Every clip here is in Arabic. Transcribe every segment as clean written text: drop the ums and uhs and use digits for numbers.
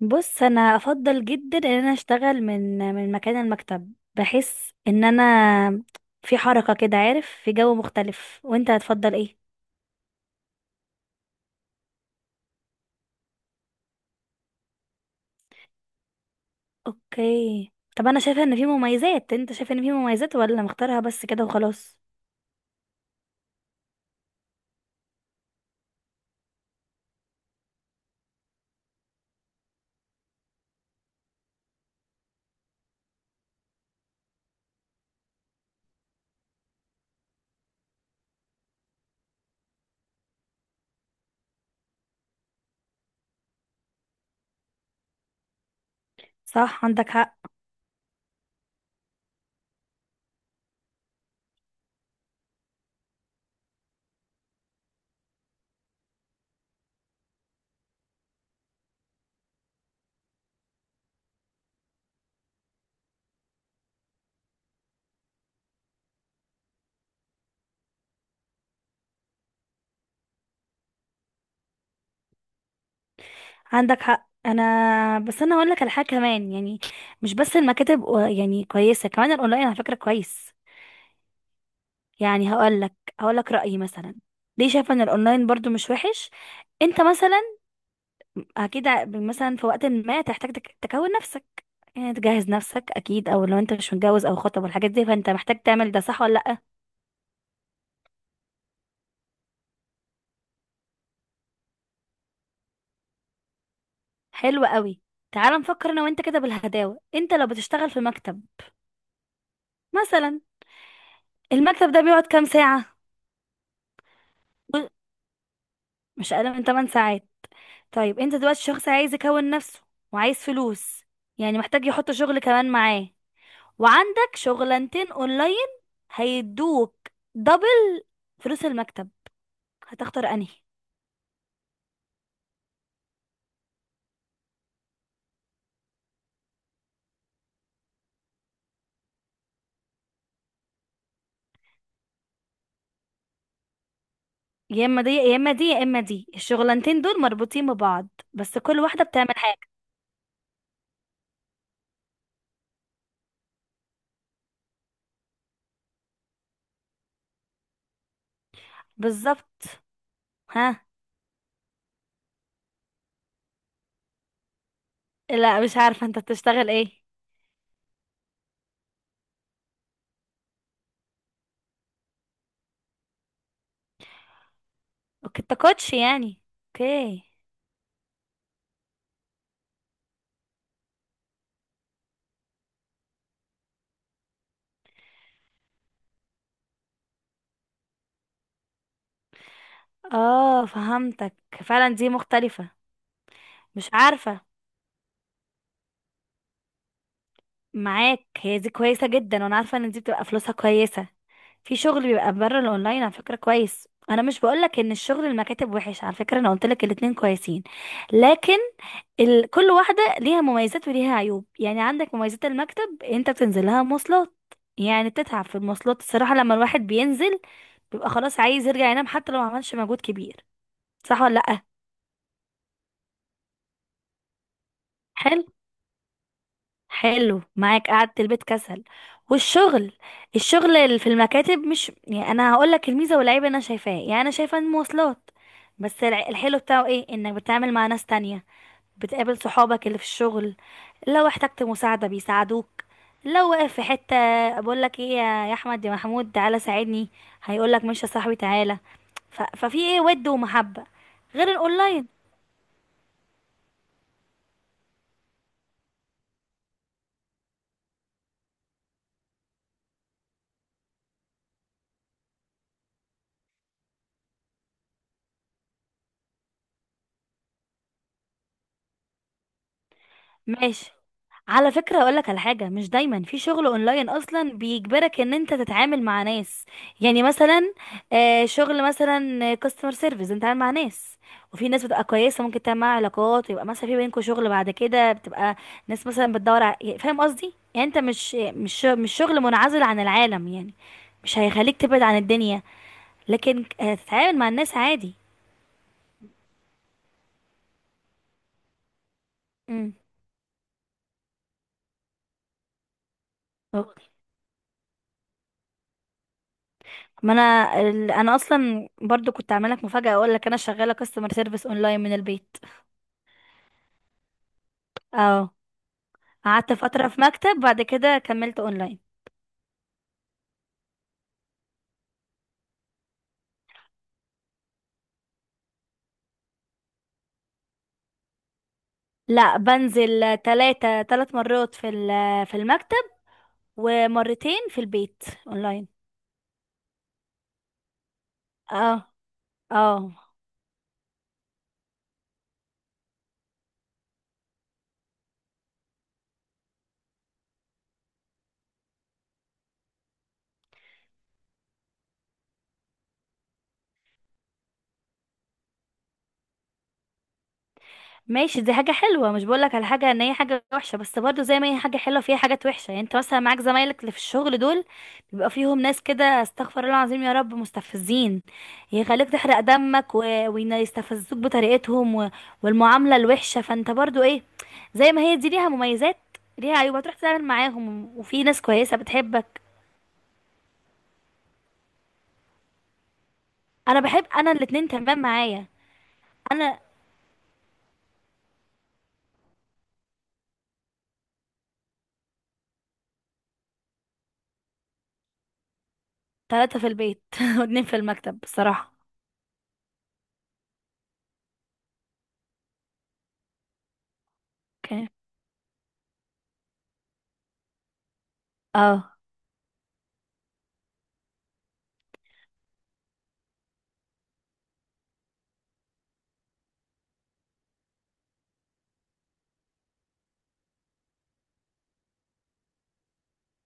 بص انا افضل جدا ان انا اشتغل من مكان المكتب. بحس ان انا في حركة كده عارف، في جو مختلف. وانت هتفضل ايه؟ اوكي، طب انا شايفة ان في مميزات. انت شايف ان في مميزات ولا مختارها بس كده وخلاص؟ صح، عندك حق. عندك حق، انا بس انا هقول لك على حاجة كمان، يعني مش بس المكاتب يعني كويسة، كمان الاونلاين على فكرة كويس. يعني هقول لك رأيي مثلا، ليه شايفة ان الاونلاين برضو مش وحش. انت مثلا، اكيد مثلا في وقت ما تحتاج تكون نفسك، يعني تجهز نفسك اكيد. او لو انت مش متجوز او خطب والحاجات دي، فانت محتاج تعمل ده. صح ولا لا؟ حلو قوي. تعال نفكر انا وانت كده بالهداوه. انت لو بتشتغل في مكتب مثلا، المكتب ده بيقعد كام ساعه؟ مش اقل من 8 ساعات. طيب، انت دلوقتي شخص عايز يكون نفسه وعايز فلوس، يعني محتاج يحط شغل كمان معاه. وعندك شغلانتين اونلاين هيدوك دبل فلوس المكتب. هتختار انهي؟ يا اما دي، يا اما دي، يا اما دي. الشغلانتين دول مربوطين ببعض، بس كل واحده بتعمل حاجه. بالظبط. ها. لا، مش عارفه انت بتشتغل ايه. اوكي، انت كوتش يعني. اوكي. اه، فهمتك. فعلا دي مختلفه. مش عارفه. معاك، هي دي كويسه جدا، وانا عارفه ان دي بتبقى فلوسها كويسه. في شغل بيبقى بره الاونلاين، على فكره كويس. انا مش بقولك ان الشغل المكاتب وحش، على فكره انا قلتلك الاتنين كويسين. لكن كل واحدة ليها مميزات وليها عيوب، يعني عندك مميزات المكتب. انت بتنزل لها مواصلات، يعني بتتعب في المواصلات الصراحة. لما الواحد بينزل بيبقى خلاص عايز يرجع ينام حتى لو ما عملش مجهود كبير. صح ولا لأ؟ حلو. حلو، معاك قعدة البيت كسل. والشغل، الشغل اللي في المكاتب مش، يعني انا هقول لك الميزه والعيب اللي انا شايفاه. يعني انا شايفه المواصلات، بس الحلو بتاعه ايه؟ انك بتتعامل مع ناس تانية، بتقابل صحابك اللي في الشغل. لو احتجت مساعده بيساعدوك، لو واقف في حته بقول لك ايه، يا احمد، يا محمود تعالى ساعدني، هيقول لك ماشي يا صاحبي تعالى. ففي ايه ود ومحبه، غير الاونلاين. ماشي. على فكرة اقولك على حاجة، مش دايما في شغل اونلاين اصلا بيجبرك ان انت تتعامل مع ناس. يعني مثلا شغل مثلا كاستمر سيرفيس، انت عامل مع ناس. وفي ناس بتبقى كويسة ممكن تعمل معاها علاقات، ويبقى مثلا في بينكوا شغل بعد كده. بتبقى ناس مثلا بتدور يعني فاهم قصدي، يعني انت مش شغل منعزل عن العالم يعني. مش هيخليك تبعد عن الدنيا، لكن هتتعامل مع الناس عادي. امم ما انا اصلا برضو كنت عامله لك مفاجاه، اقول لك انا شغاله كاستمر سيرفيس اونلاين من البيت. اه، قعدت فتره في مكتب، بعد كده كملت اونلاين. لا، بنزل 3 مرات في المكتب، ومرتين في البيت اونلاين. اه. اه، ماشي. دي حاجة حلوة، مش بقولك على حاجة ان هي حاجة وحشة، بس برضو زي ما هي حاجة حلوة فيها حاجات وحشة. يعني انت مثلا معاك زمايلك اللي في الشغل دول، بيبقى فيهم ناس كده، استغفر الله العظيم يا رب، مستفزين، يخليك تحرق دمك ويستفزوك بطريقتهم والمعاملة الوحشة. فانت برضو ايه، زي ما هي دي ليها مميزات ليها عيوب، هتروح تتعامل معاهم وفي ناس كويسة بتحبك. انا بحب، انا الاتنين تمام معايا. انا ثلاثة في البيت واتنين في المكتب بصراحة. اوكي. اه.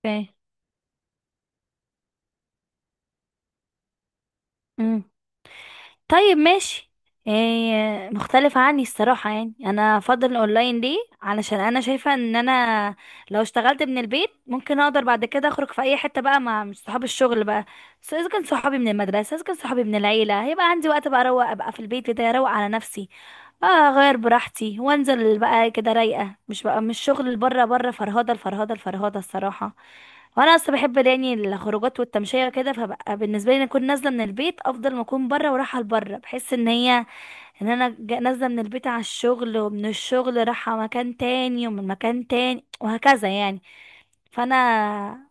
اوكي. مم. طيب، ماشي. إيه مختلف عني الصراحة، يعني أنا أفضل الأونلاين ليه؟ علشان أنا شايفة إن أنا لو اشتغلت من البيت ممكن أقدر بعد كده أخرج في أي حتة بقى، مع مش صحاب الشغل بقى، سواء إذا كان صحابي من المدرسة، إذا كان صحابي من العيلة. هيبقى عندي وقت بقى أروق، أبقى في البيت كده أروق على نفسي. اه، اغير براحتي وانزل بقى كده رايقه، مش شغل اللي بره، بره فرهده، الفرهده الصراحه. وانا اصلا بحب يعني الخروجات والتمشيه وكده، فبقى بالنسبه لي إن اكون نازله من البيت افضل ما اكون بره ورايحه لبره. بحس ان هي ان انا نازله من البيت على الشغل، ومن الشغل رايحه مكان تاني، ومن مكان تاني وهكذا يعني. فانا،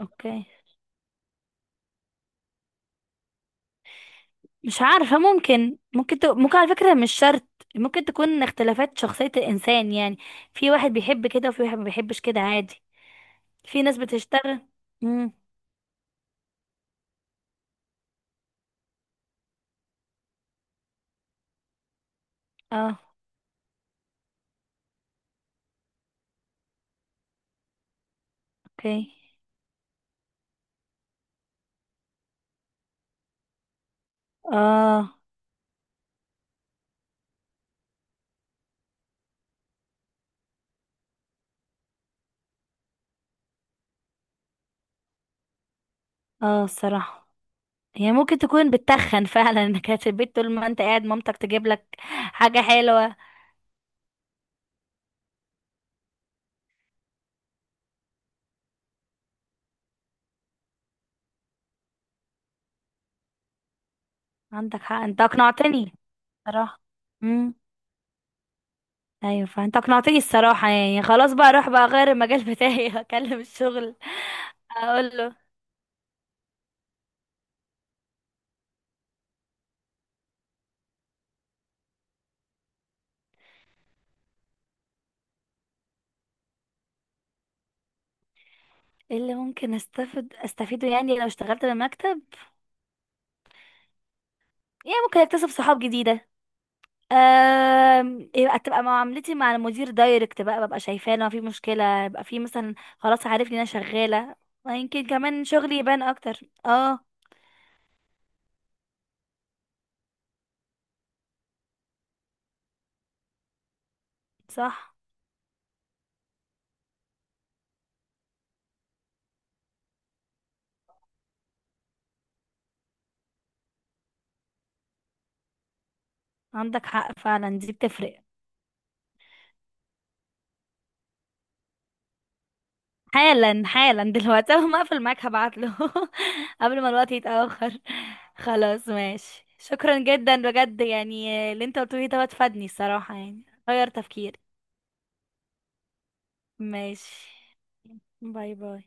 اوكي. مش عارفة، ممكن على فكرة مش شرط. ممكن تكون اختلافات شخصية الإنسان يعني، في واحد بيحب كده وفي واحد ما بيحبش كده عادي. في ناس بتشتغل. امم اه، اوكي، اه، اه الصراحة، يعني ممكن تكون بتتخن فعلا، انك قاعد في البيت طول ما انت قاعد مامتك تجيب لك حاجة حلوة. عندك حق، انت اقنعتني صراحة. امم ايوه، فانت اقنعتني الصراحة يعني. خلاص بقى، اروح بقى اغير المجال بتاعي اكلم الشغل، اقول له. ايه اللي ممكن استفيده يعني لو اشتغلت بمكتب؟ يعني ممكن اكتسب صحاب جديده. يبقى تبقى معاملتي مع المدير دايركت بقى، ببقى شايفاه. لو في مشكله يبقى في مثلا، خلاص عارفني انا شغاله. ويمكن كمان شغلي يبان اكتر. اه، صح، عندك حق. فعلا دي بتفرق. حالا، حالا دلوقتي اول ما اقفل معاك هبعت له. قبل ما الوقت يتاخر. خلاص ماشي. شكرا جدا بجد، يعني اللي انت قلته لي ده فادني الصراحه، يعني غير تفكيري. ماشي، باي باي.